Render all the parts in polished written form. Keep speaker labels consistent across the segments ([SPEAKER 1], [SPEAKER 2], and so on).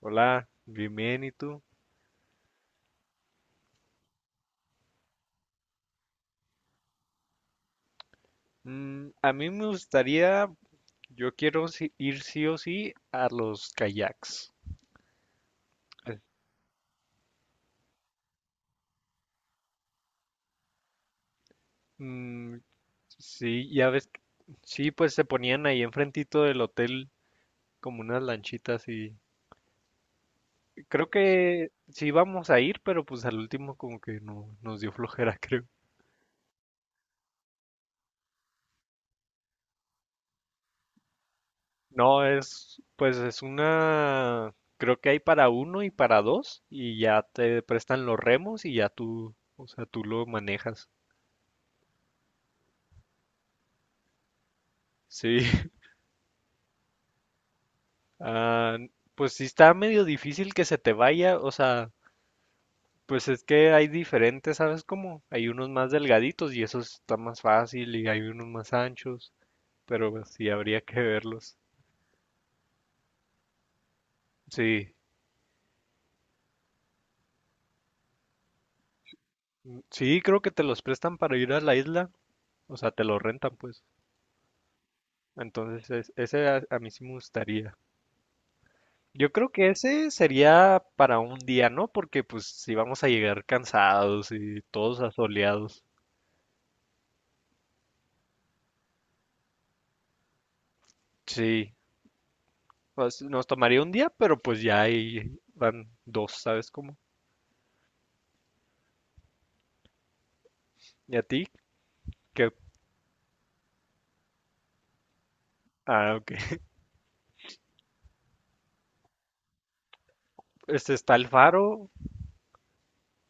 [SPEAKER 1] Hola, bien, bien, ¿y tú? A mí me gustaría, yo quiero ir sí o sí a los kayaks. Eh, mm, sí, ya ves, sí, pues se ponían ahí enfrentito del hotel como unas lanchitas y creo que sí íbamos a ir, pero pues al último como que no nos dio flojera, creo. No, es, pues es una, creo que hay para uno y para dos y ya te prestan los remos y ya tú, o sea, tú lo manejas. Sí. Ah, pues sí está medio difícil que se te vaya, o sea, pues es que hay diferentes, ¿sabes cómo? Hay unos más delgaditos y eso está más fácil y hay unos más anchos, pero pues, sí habría que verlos. Sí, sí, creo que te los prestan para ir a la isla, o sea, te los rentan pues. Entonces, ese a mí sí me gustaría. Yo creo que ese sería para un día, ¿no? Porque pues si vamos a llegar cansados y todos asoleados. Sí. Pues, nos tomaría un día, pero pues ya ahí van dos, ¿sabes cómo? ¿Y a ti? ¿Qué? Ah, ok. Este está el faro.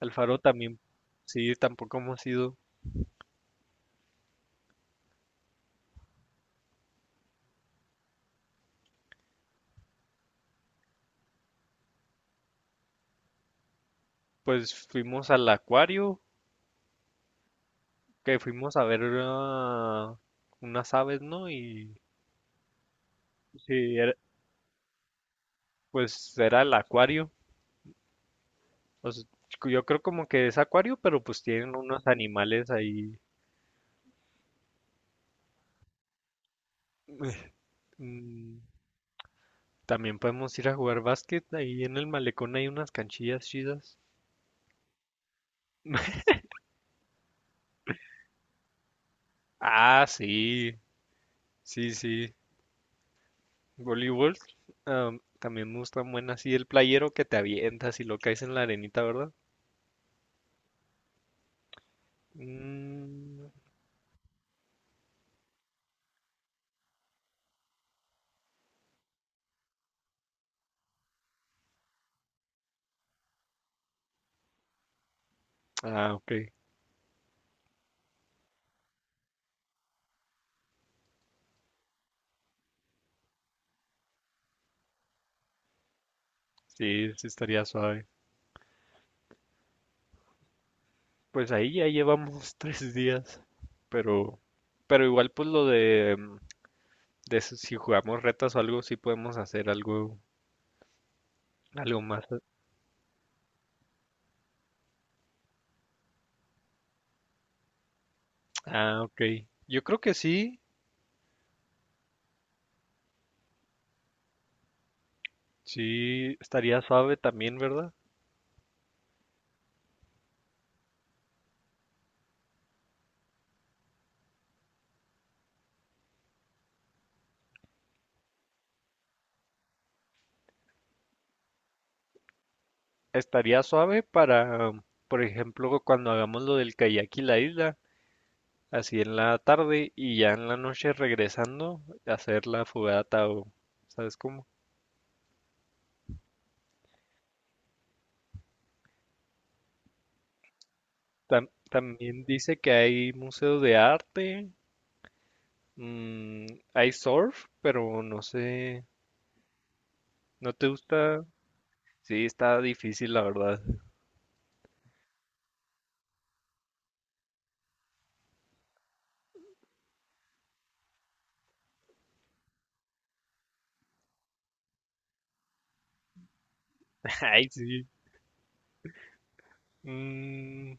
[SPEAKER 1] El faro también, sí, tampoco hemos ido. Pues fuimos al acuario, que fuimos a ver unas aves, ¿no? Y sí, pues era el acuario. O sea, yo creo como que es acuario, pero pues tienen unos animales ahí. Mm, También podemos ir a jugar básquet. Ahí en el malecón hay unas canchillas chidas. Ah, sí, sí, sí. Voleibol. También me gustan buenas. Sí, el playero que te avientas y lo caes en la arenita, ¿verdad? Mm, ah, ok. Sí, sí estaría suave. Pues ahí ya llevamos 3 días. Pero, pero, igual pues lo de, si jugamos retas o algo, sí podemos hacer algo, algo más. Ah, ok. Yo creo que sí. Sí, estaría suave también, ¿verdad? Estaría suave para, por ejemplo, cuando hagamos lo del kayak y la isla, así en la tarde y ya en la noche regresando, hacer la fogata o, ¿sabes cómo? También dice que hay museo de arte, mm, hay surf, pero no sé, ¿no te gusta? Sí, está difícil, la verdad. Ay, sí. Mm,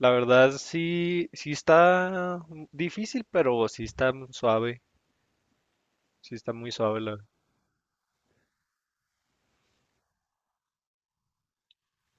[SPEAKER 1] la verdad, sí, sí está difícil, pero sí está suave, sí está muy suave, la.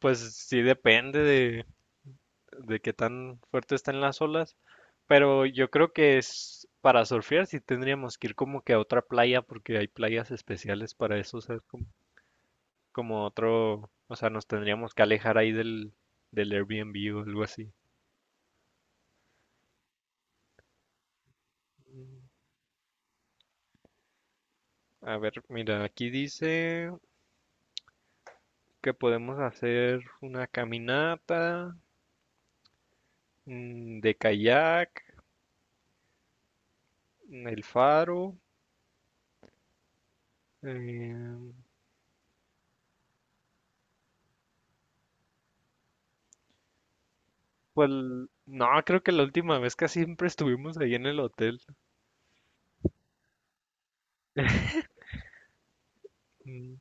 [SPEAKER 1] Pues sí depende de qué tan fuerte están las olas, pero yo creo que es para surfear sí tendríamos que ir como que a otra playa porque hay playas especiales para eso, o sea, es como, otro, o sea, nos tendríamos que alejar ahí del Airbnb o algo así. A ver, mira, aquí dice que podemos hacer una caminata, de kayak, el faro. em, Pues no, creo que la última vez que siempre estuvimos ahí en el hotel. Mm.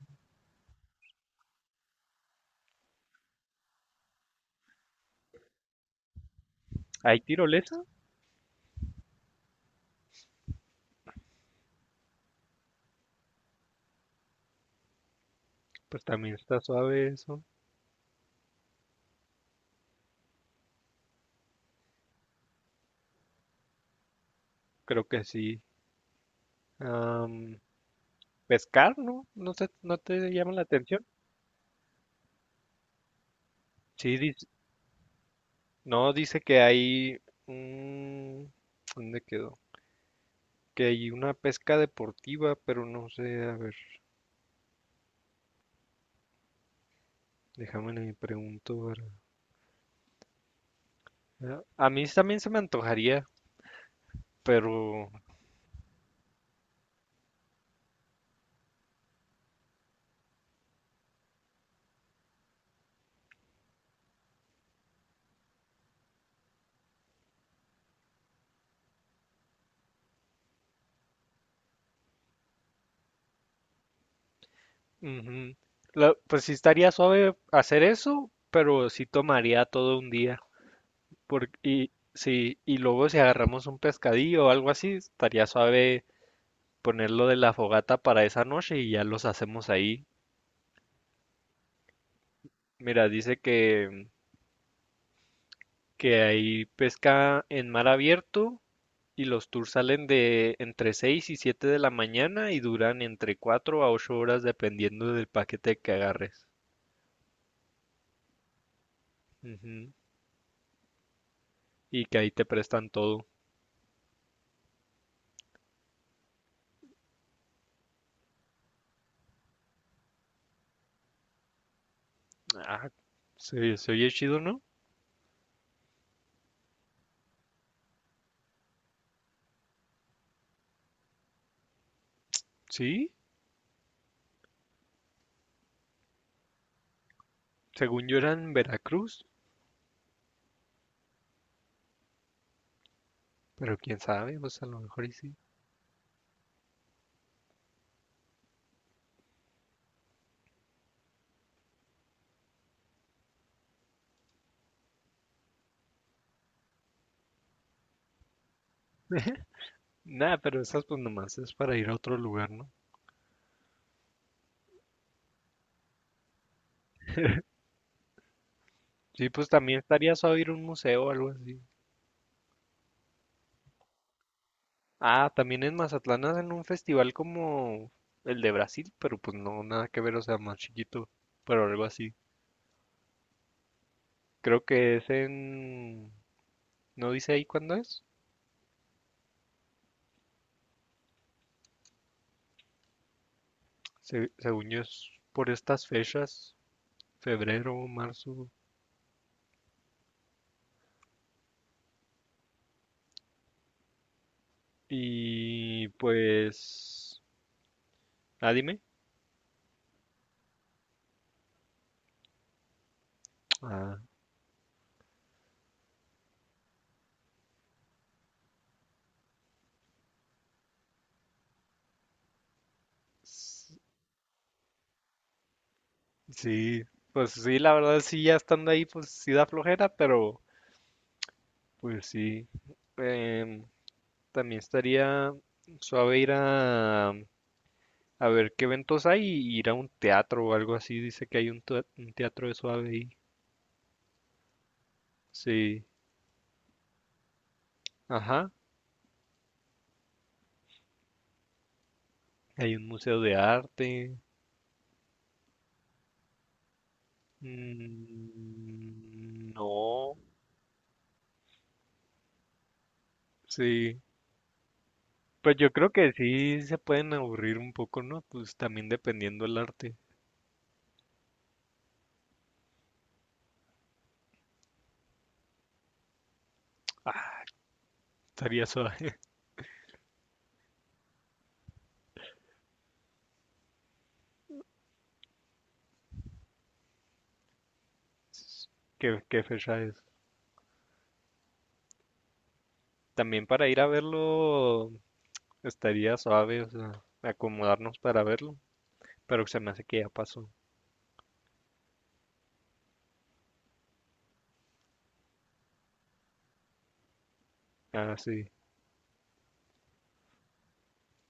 [SPEAKER 1] ¿Hay tirolesa? Pues también está suave eso. Creo que sí. Am, Pescar, ¿no? No sé, ¿no te llama la atención? Sí, dice, no, dice que hay... mm, ¿dónde quedó? Que hay una pesca deportiva, pero no sé, a ver, déjame le pregunto. A mí también se me antojaría, pero. Ujú. Pues sí estaría suave hacer eso, pero sí tomaría todo un día. Y, sí, y luego si agarramos un pescadillo o algo así, estaría suave ponerlo de la fogata para esa noche y ya los hacemos ahí. Mira, dice que, ahí pesca en mar abierto y los tours salen de entre 6 y 7 de la mañana y duran entre 4 a 8 horas dependiendo del paquete que agarres. Ujú. Y que ahí te prestan todo. Ah, se oye chido, ¿no? Sí, según yo era en Veracruz, pero quién sabe, pues a lo mejor y sí. Nada, pero esas pues nomás es para ir a otro lugar, ¿no? Sí, pues también estaría suave ir a un museo o algo así. Ah, también en Mazatlán hacen un festival como el de Brasil, pero pues no, nada que ver, o sea, más chiquito, pero algo así. Creo que es en... ¿No dice ahí cuándo es? Según yo es por estas fechas, febrero, marzo. Y pues, dime. Ah, s- sí, pues sí, la verdad sí, ya estando ahí, pues sí da flojera, pero pues sí. Em, También estaría suave ir a ver qué eventos hay y ir a un teatro o algo así. Dice que hay un teatro de suave ahí. Sí, ajá. Hay un museo de arte. Mm, no, sí. Pues yo creo que sí se pueden aburrir un poco, ¿no? Pues también dependiendo el arte. Ah, estaría suave. ¿Qué fecha es? También para ir a verlo estaría suave, o sea, acomodarnos para verlo. Pero se me hace que ya pasó. Ah, sí.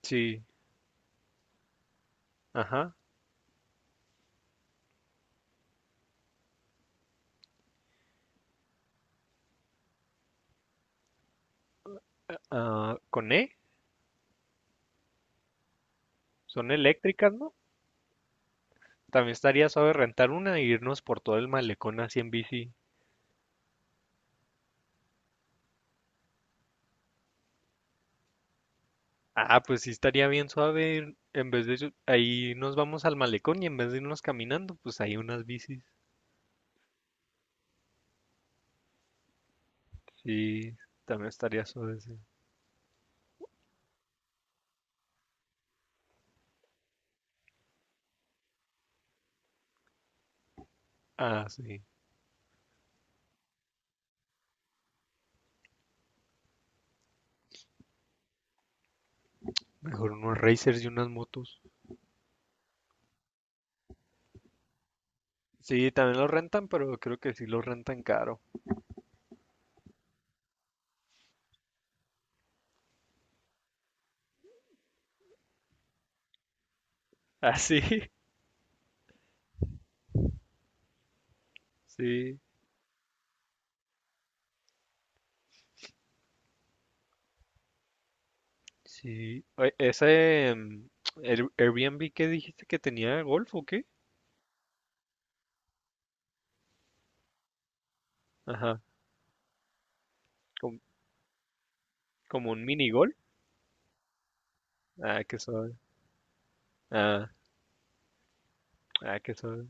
[SPEAKER 1] Sí. Ajá. Ah, con E. Son eléctricas, ¿no? También estaría suave rentar una e irnos por todo el malecón así en bici. Ah, pues sí estaría bien suave. En vez de... ahí nos vamos al malecón y en vez de irnos caminando, pues hay unas bicis. Sí, también estaría suave. Sí. Ah, sí. Mejor unos racers y unas motos. Sí, también los rentan, pero creo que sí los rentan caro. Ah, sí. Sí, sí. Oye, ¿ese Airbnb que dijiste que tenía golf o qué? Ajá. como Como, un mini golf. Ah, qué suave. Ah, ah, qué suave.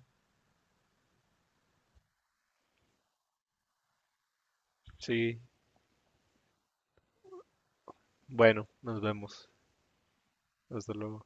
[SPEAKER 1] Sí. Bueno, nos vemos. Hasta luego.